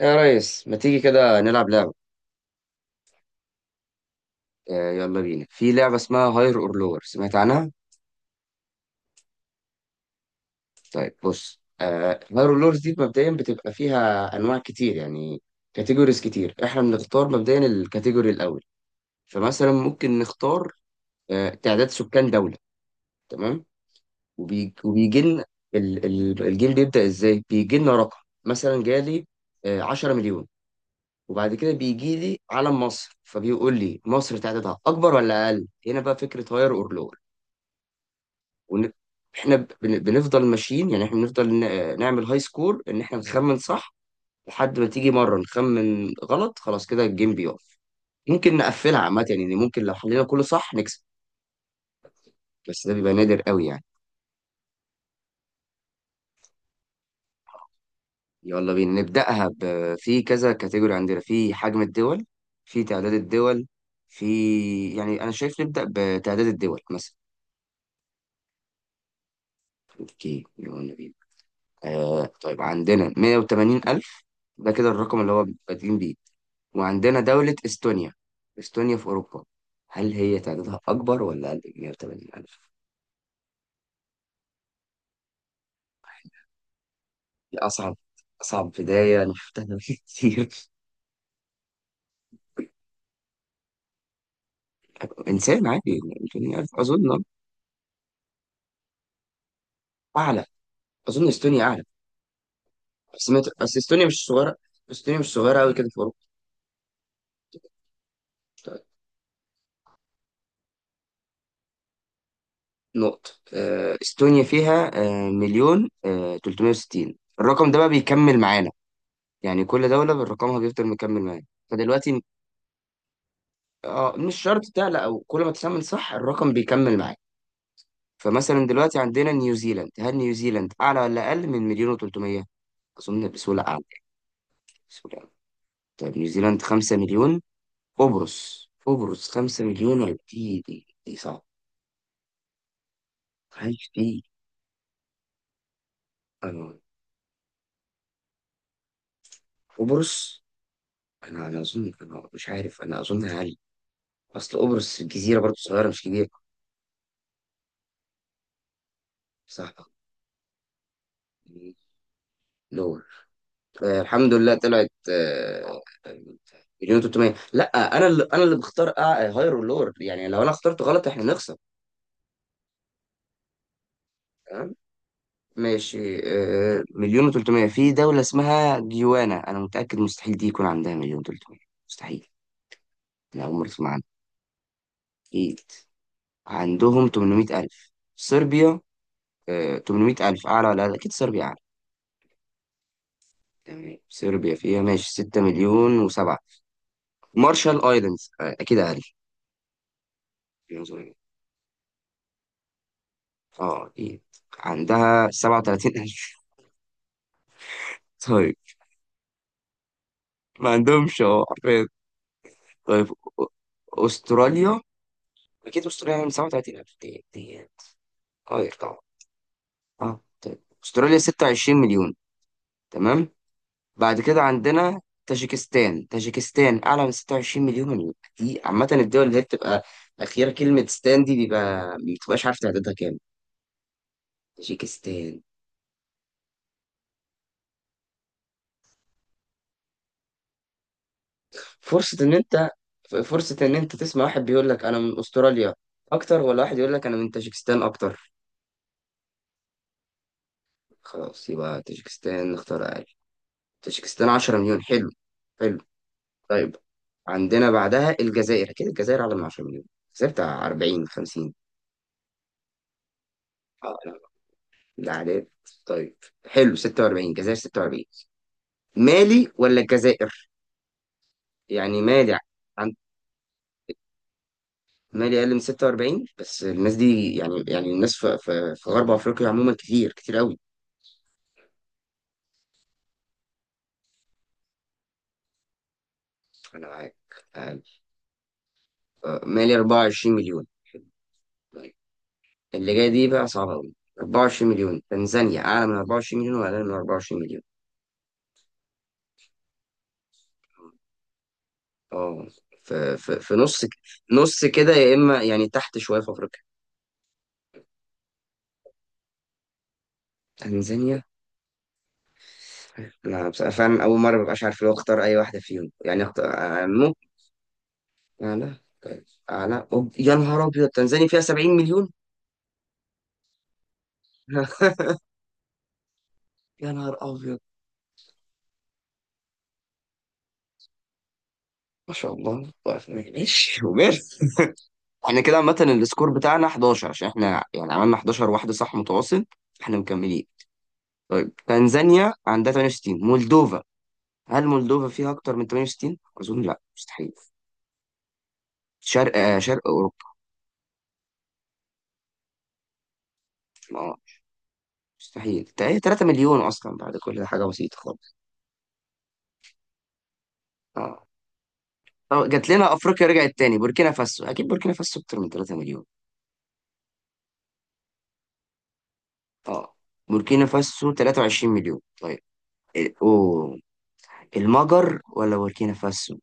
يا ريس، ما تيجي كده نلعب لعبة؟ يلا بينا، في لعبة اسمها هاير اور لور، سمعت عنها؟ طيب بص، هاير اور لورز دي مبدئيا بتبقى فيها أنواع كتير، يعني كاتيجوريز كتير. احنا بنختار مبدئيا الكاتيجوري الأول. فمثلا ممكن نختار تعداد سكان دولة. تمام. وبيجي لنا. الجيم بيبدأ ازاي؟ بيجي لنا رقم، مثلا جالي 10 مليون، وبعد كده بيجي لي علم مصر، فبيقول لي مصر تعدادها أكبر ولا أقل؟ هنا بقى فكرة هاير اور لور. ون... احنا بنفضل ماشيين، يعني احنا بنفضل نعمل هاي سكور ان احنا نخمن صح لحد ما تيجي مره نخمن غلط، خلاص كده الجيم بيقف. ممكن نقفلها عامه، يعني ممكن لو حلينا كله صح نكسب، بس ده بيبقى نادر قوي يعني. يلا بينا نبداها في كذا كاتيجوري عندنا، في حجم الدول، في تعداد الدول، في، يعني انا شايف نبدا بتعداد الدول مثلا. اوكي يلا بينا. طيب، عندنا 180 ألف، ده كده الرقم اللي هو بادئين بيه. وعندنا دولة إستونيا، إستونيا في أوروبا، هل هي تعدادها أكبر ولا أقل من 180 ألف؟ دي أصعب أصعب بداية أنا شفتها كتير. إنسان عادي 180 ألف، أظن أعلى. أظن إستونيا أعلى. بس بس إستونيا مش صغيرة. إستونيا مش صغيرة أوي كده في أوروبا. طيب، نقطة. إستونيا فيها مليون 360. الرقم ده بقى بيكمل معانا، يعني كل دولة بالرقمها بيفضل مكمل معاك. فدلوقتي اه مش شرط تعلى، او كل ما تسمن صح الرقم بيكمل معاك. فمثلا دلوقتي عندنا نيوزيلاند، هل نيوزيلاند اعلى ولا اقل من مليون و300؟ اظن بسهولة اعلى. بسهولة أعلى. طيب نيوزيلاند 5 مليون. قبرص، 5 مليون ولا دي صعب. عايش دي. انا قبرص، انا اظن، انا مش عارف، انا اظن اقل. اصل قبرص جزيرة برضه صغيرة، مش كبيرة. صح. لور. الحمد لله طلعت. مليون 300. لا، انا اللي انا بختار هاير ولور، يعني لو انا اخترت غلط احنا نخسر. تمام. ماشي. مليون و300، في دولة اسمها جيوانا، انا متأكد مستحيل دي يكون عندها مليون 300. مستحيل. انا اول مرة اسمع عنها. اكيد عندهم 800000 صربيا. 800000، اعلى ولا لا؟ اكيد صربيا اعلى. تمام، صربيا فيها ماشي 6 مليون و7. مارشال ايلاندز، اكيد. اقل. اه اكيد. عندها 37 ألف. طيب. ما عندهمش، اه عارفين. طيب. أ- استراليا، اكيد استراليا من 37 ألف ديت، اه يرجعوا. اه طيب استراليا 26 مليون. تمام. بعد كده عندنا تاجيكستان اعلى من 26 مليون مليون. يعني دي عامة الدول اللي هي بتبقى اخيرا كلمة ستان دي، بيبقى ما بتبقاش عارف تعدادها كام. تاجيكستان. فرصة ان انت فرصة ان انت تسمع واحد بيقول لك انا من استراليا اكتر، ولا واحد يقول لك انا من تاجيكستان اكتر؟ خلاص يبقى تاجيكستان نختار اقل. تاجيكستان 10 مليون. حلو. حلو. طيب، عندنا بعدها الجزائر، اكيد الجزائر اعلى من 10 مليون، الجزائر بتاع 40 50. اه لا، العداد. طيب. حلو 46، الجزائر 46. مالي ولا الجزائر؟ يعني مالي. عن، مالي اقل من 46، بس الناس دي يعني، يعني الناس في غرب افريقيا عموما كتير كتير قوي. انا معاك. تعال. مالي 24 مليون. طيب. اللي جاي دي بقى صعبة أوي. 24 مليون، تنزانيا أعلى من 24 مليون ولا أقل من 24 مليون؟ أه، في نص نص كده، يا إما يعني تحت شوية، في أفريقيا. تنزانيا. أنا بصراحة فعلا أول مرة مبقاش عارف لو أختار أي واحدة فيهم، يعني أختار أعلى. أعلى طيب. أعلى أوب. يا نهار أبيض، تنزانيا فيها 70 مليون. يا نهار أبيض. ما شاء الله. طيب، ماشي وماله. احنا كده عامة السكور بتاعنا 11، عشان احنا يعني عملنا 11 واحدة صح متواصل. احنا مكملين. طيب، تنزانيا عندها 68، مولدوفا هل مولدوفا فيها اكتر من 68؟ اظن لا، مستحيل. شرق، شرق اوروبا. اه مستحيل. هي 3 مليون اصلا، بعد كل ده حاجة بسيطة خالص. اه. طب جات لنا افريقيا، رجعت تاني، بوركينا فاسو، اكيد بوركينا فاسو اكتر من 3 مليون. اه. بوركينا فاسو 23 مليون. طيب. اوه، المجر ولا بوركينا فاسو؟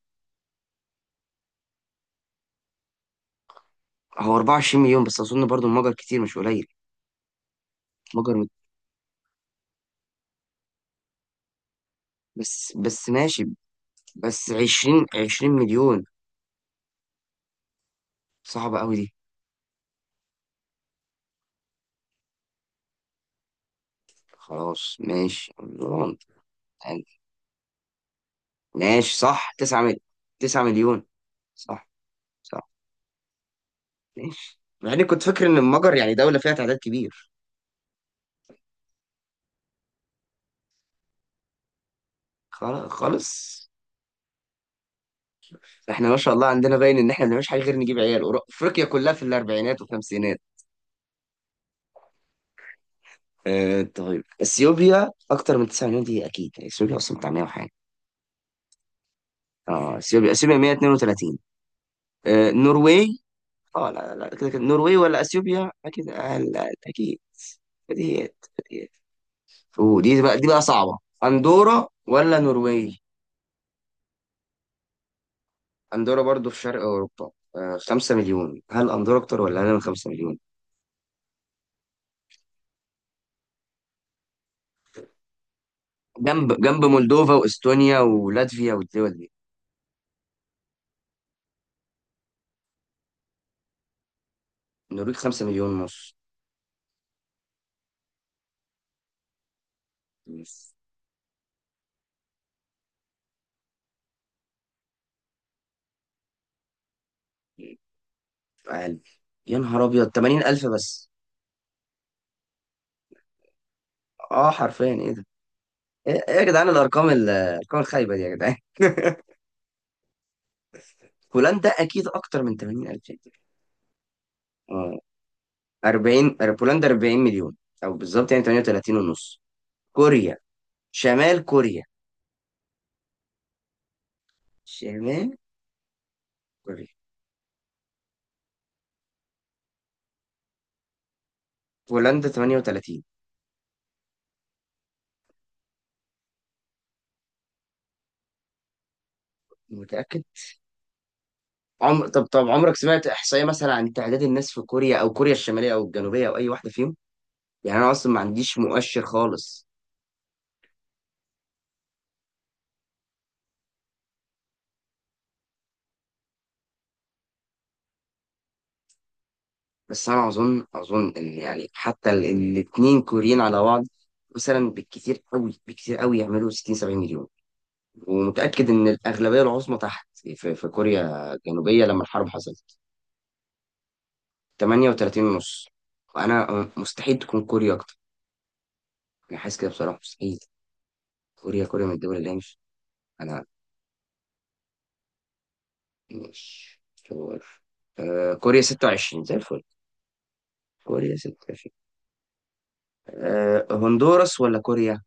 هو 24 مليون بس، اظن برضو المجر كتير مش قليل. مجر مت- بس، ماشي. بس عشرين، مليون. صعبة أوي دي. خلاص ماشي رمضان، يعني. ماشي، صح، تسعة مليون. تسعة مليون. صح. صح. ماشي، مع إني كنت فاكر إن المجر يعني دولة فيها تعداد كبير. خلاص خالص. احنا ما شاء الله عندنا باين ان احنا ما بنعملش حاجه غير نجيب عيال. افريقيا كلها في الاربعينات والخمسينات. اه طيب، اثيوبيا اكتر من 9 مليون؟ دي اكيد، يعني اثيوبيا اصلا بتاع 100 وحاجه. اه، اثيوبيا 132. النرويج. اه لا لا، كده كده النرويج ولا اثيوبيا؟ اكيد اقل. أقل، اكيد. بديهيات. بديهيات. ودي بقى، دي بقى صعبة. اندورا ولا نرويج؟ اندورا برضو في شرق اوروبا. خمسة مليون. هل اندورا اكتر ولا انا من خمسة مليون؟ جنب، مولدوفا واستونيا ولاتفيا والدول دي. النرويج خمسة مليون ونص. اقل. يا نهار ابيض، 80000 الف بس. اه حرفيا ايه ده؟ ايه إيه يا جدعان الارقام، الارقام الخايبة دي يا جدعان. هولندا اكيد اكتر من 80000 الف. آه. 40، بولندا 40 مليون، او بالظبط يعني 38 ونص. كوريا، شمال كوريا. شمال كوريا. بولندا 38. متأكد؟ عمر، طب عمرك سمعت احصائية مثلا عن تعداد الناس في كوريا او كوريا الشمالية او الجنوبية او اي واحدة فيهم؟ يعني انا اصلا ما عنديش مؤشر خالص. بس انا اظن، اظن ان يعني حتى الاثنين كوريين على بعض مثلا بالكثير قوي، بالكثير قوي يعملوا 60 70 مليون. ومتأكد ان الاغلبية العظمى تحت، في كوريا الجنوبية لما الحرب حصلت. 38 ونص. وانا، مستحيل تكون كوريا اكتر. انا حاسس كده بصراحه مستحيل. كوريا، من الدول اللي هي مش، انا مش شور. آه كوريا 26، زي الفل. كوريا 26. آه هندوراس ولا كوريا؟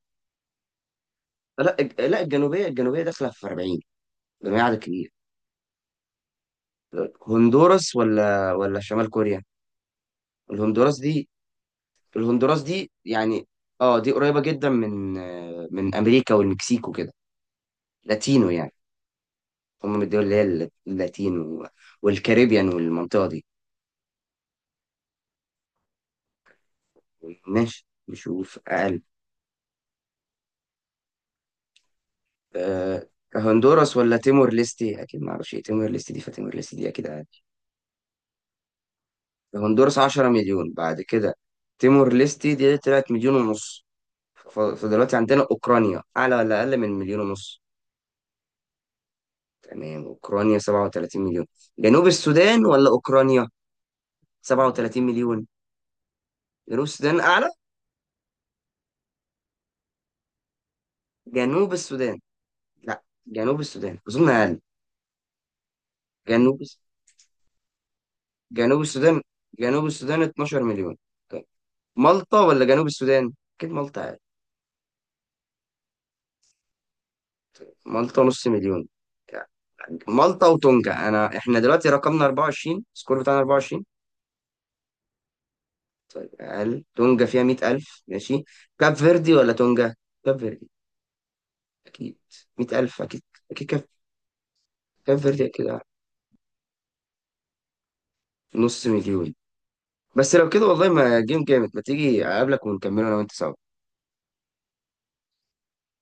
لا لا الجنوبيه، الجنوبيه داخله في 40. جميع عدد كبير. هندوراس ولا شمال كوريا؟ الهندوراس دي، الهندوراس دي يعني، اه دي قريبه جدا من من امريكا والمكسيك وكده. لاتينو يعني. هم من الدول اللي هي اللاتين والكاريبيان والمنطقة دي. ماشي نشوف أقل. أه، هندوراس ولا تيمور ليستي؟ أكيد معرفش إيه تيمور ليستي دي، فتيمور ليستي دي أكيد أقل. هندوراس 10 مليون. بعد كده، تيمور ليستي دي طلعت مليون ونص. فدلوقتي عندنا أوكرانيا، أعلى ولا أقل من مليون ونص؟ تمام، أوكرانيا 37 مليون. جنوب السودان ولا أوكرانيا؟ 37 مليون، جنوب السودان أعلى. جنوب السودان. لا جنوب السودان أظن أقل. جنوب، جنوب السودان جنوب السودان 12 مليون. طيب. مالطا ولا جنوب السودان؟ اكيد مالطا يعني. مالطا نص مليون يعني. مالطا وتونجا، احنا دلوقتي رقمنا 24، سكور بتاعنا 24. اقل. تونجا فيها 100000 ماشي. كاب فيردي ولا تونجا؟ كاب فيردي اكيد. 100000 اكيد. اكيد كاب، كاب فيردي كده نص مليون. بس لو كده والله ما جيم جامد، ما تيجي اقابلك ونكمله انا وانت سوا.